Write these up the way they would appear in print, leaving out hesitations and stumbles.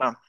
Ah,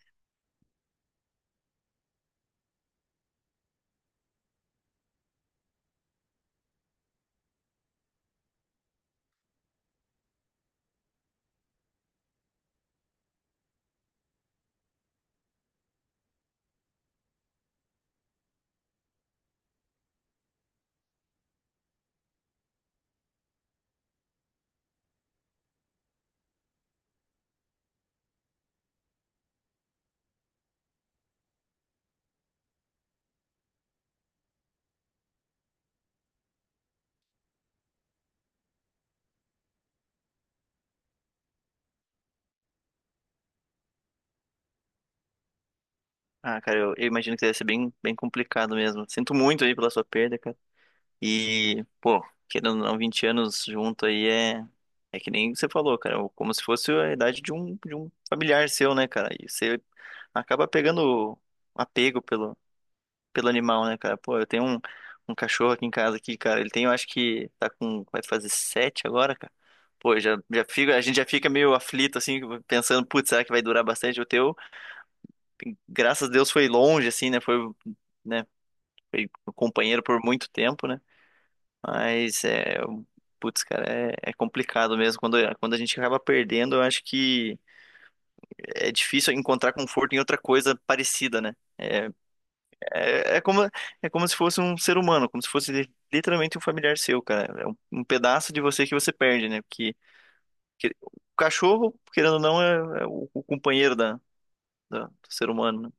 cara, eu imagino que deve ser bem, bem complicado mesmo. Sinto muito aí pela sua perda, cara. E, pô, querendo ou não, 20 anos junto aí é que nem você falou, cara. Como se fosse a idade de um familiar seu, né, cara? E você acaba pegando apego pelo animal, né, cara? Pô, eu tenho um cachorro aqui em casa aqui, cara. Ele tem, eu acho que tá com, vai fazer sete agora, cara. Pô, já fica, a gente já fica meio aflito, assim, pensando, putz, será que vai durar bastante o teu? Graças a Deus foi longe, assim, né? Foi, né? Foi meu companheiro por muito tempo, né? Mas é, putz, cara, é complicado mesmo. Quando a gente acaba perdendo, eu acho que é difícil encontrar conforto em outra coisa parecida, né? É, é como, É como se fosse um ser humano, como se fosse literalmente um familiar seu, cara. É um pedaço de você que você perde, né? Porque o cachorro, querendo ou não, é o companheiro do ser humano, né?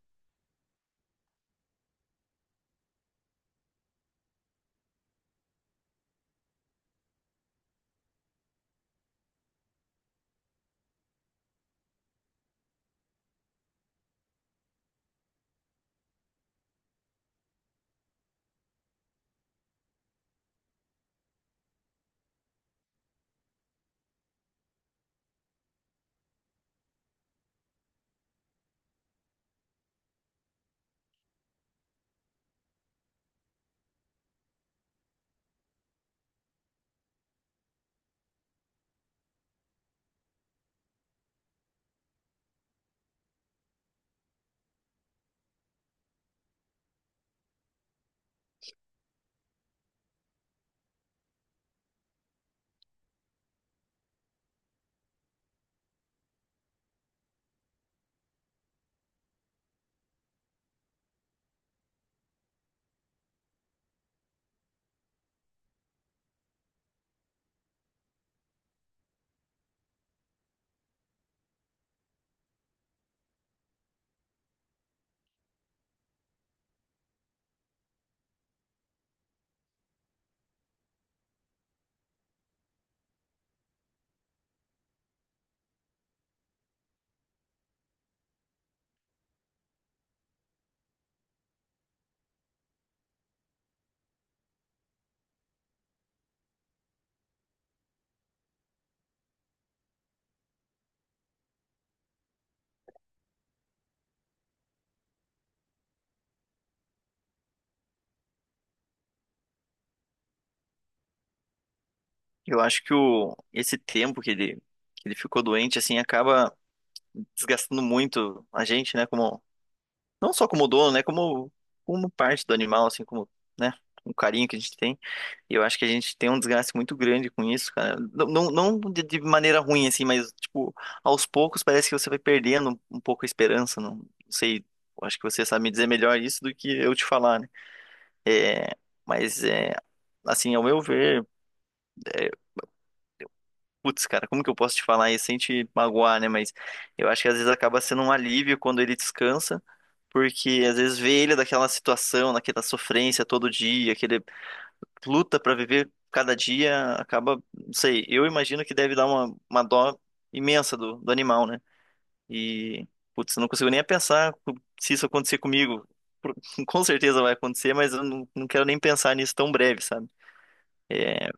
Eu acho que esse tempo que ele, ficou doente, assim, acaba desgastando muito a gente, né? Como, não só como dono, né? Como parte do animal, assim, como, né? O carinho que a gente tem. E eu acho que a gente tem um desgaste muito grande com isso, cara. Não, não, não de maneira ruim, assim, mas, tipo, aos poucos parece que você vai perdendo um pouco a esperança. Não, não sei, eu acho que você sabe me dizer melhor isso do que eu te falar, né? É, mas, é, assim, ao meu ver. Putz, cara, como que eu posso te falar isso sem te magoar, né? Mas eu acho que às vezes acaba sendo um alívio quando ele descansa, porque às vezes vê ele daquela situação, naquela sofrência todo dia, que ele luta pra viver cada dia, acaba, não sei, eu imagino que deve dar uma dó imensa do animal, né? E, putz, eu não consigo nem pensar se isso acontecer comigo. Por- Com certeza vai acontecer, mas eu não quero nem pensar nisso tão breve, sabe? É.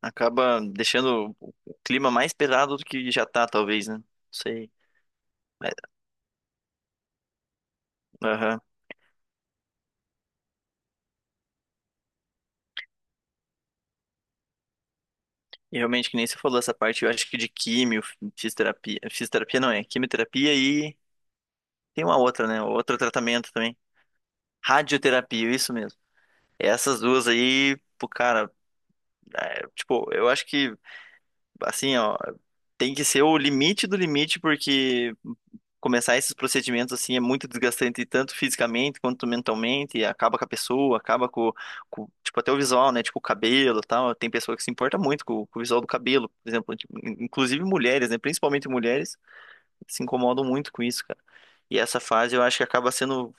Acaba deixando o clima mais pesado do que já tá, talvez, né? Não sei. Mas, aham. E realmente, que nem você falou essa parte, eu acho que de químio, fisioterapia. Fisioterapia não é, quimioterapia e tem uma outra, né? Outro tratamento também. Radioterapia, isso mesmo. Essas duas aí, pô, cara, é, tipo, eu acho que assim, ó, tem que ser o limite do limite, porque começar esses procedimentos assim é muito desgastante, tanto fisicamente quanto mentalmente, e acaba com a pessoa, acaba com, tipo, até o visual, né? Tipo, o cabelo e tal. Tem pessoa que se importa muito com o visual do cabelo, por exemplo, tipo, inclusive mulheres, né? Principalmente mulheres se incomodam muito com isso, cara. E essa fase eu acho que acaba sendo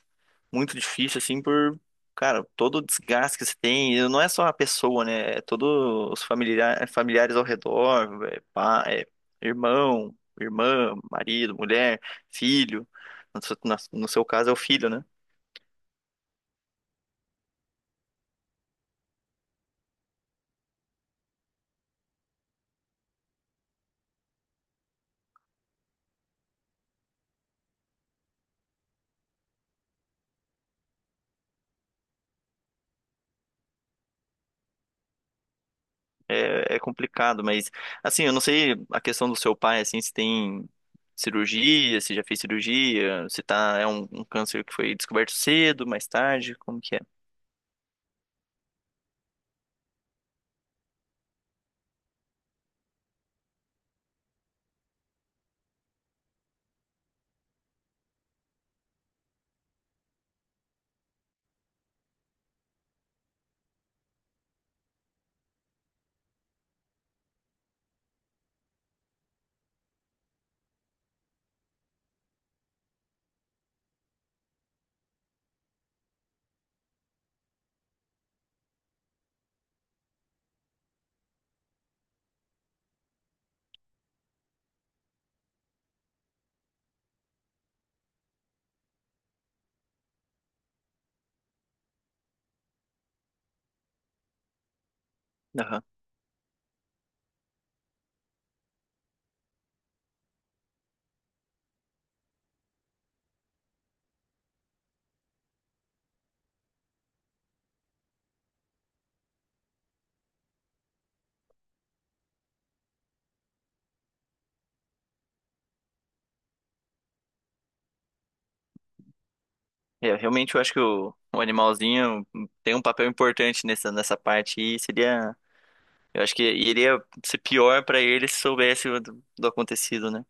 muito difícil, assim, por, cara, todo o desgaste que você tem, e não é só a pessoa, né? É todos os familiares ao redor, é, pá, é irmão, irmã, marido, mulher, filho. No seu, no seu caso é o filho, né? É, é complicado, mas, assim, eu não sei a questão do seu pai, assim, se tem cirurgia, se já fez cirurgia, se tá, é um câncer que foi descoberto cedo, mais tarde, como que é? É, realmente eu acho que o animalzinho tem um papel importante nessa parte e seria, eu acho que iria ser pior para ele se soubesse do, acontecido, né?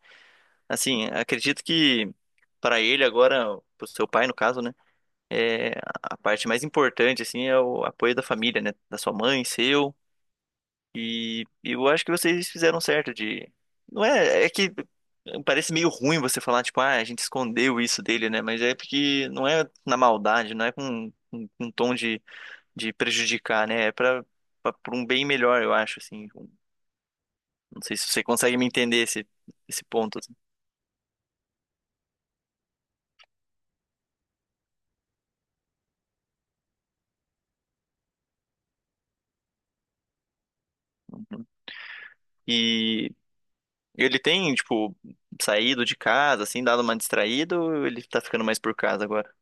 Assim, acredito que para ele agora, pro seu pai no caso, né, é a parte mais importante assim é o apoio da família, né, da sua mãe, seu. E eu acho que vocês fizeram certo de. Não é. É que parece meio ruim você falar, tipo, ah, a gente escondeu isso dele, né? Mas é porque não é na maldade, não é com um tom de, prejudicar, né? É pra um bem melhor, eu acho, assim. Não sei se você consegue me entender esse ponto. Assim. E ele tem, tipo, saído de casa, assim, dado uma distraída, ou ele tá ficando mais por casa agora?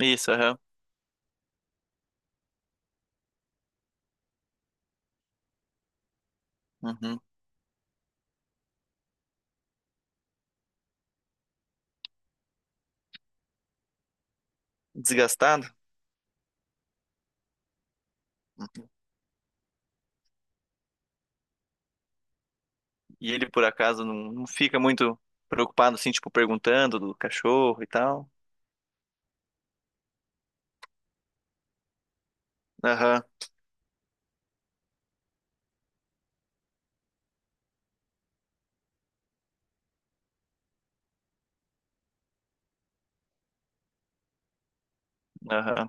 Isso, aham. Uhum. Desgastado? E ele, por acaso, não fica muito preocupado, assim, tipo, perguntando do cachorro e tal. Aham, aham.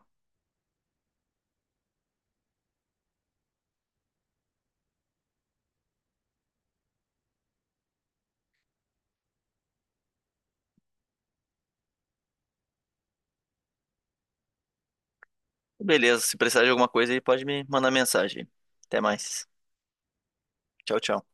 Beleza, se precisar de alguma coisa aí, pode me mandar mensagem. Até mais. Tchau, tchau.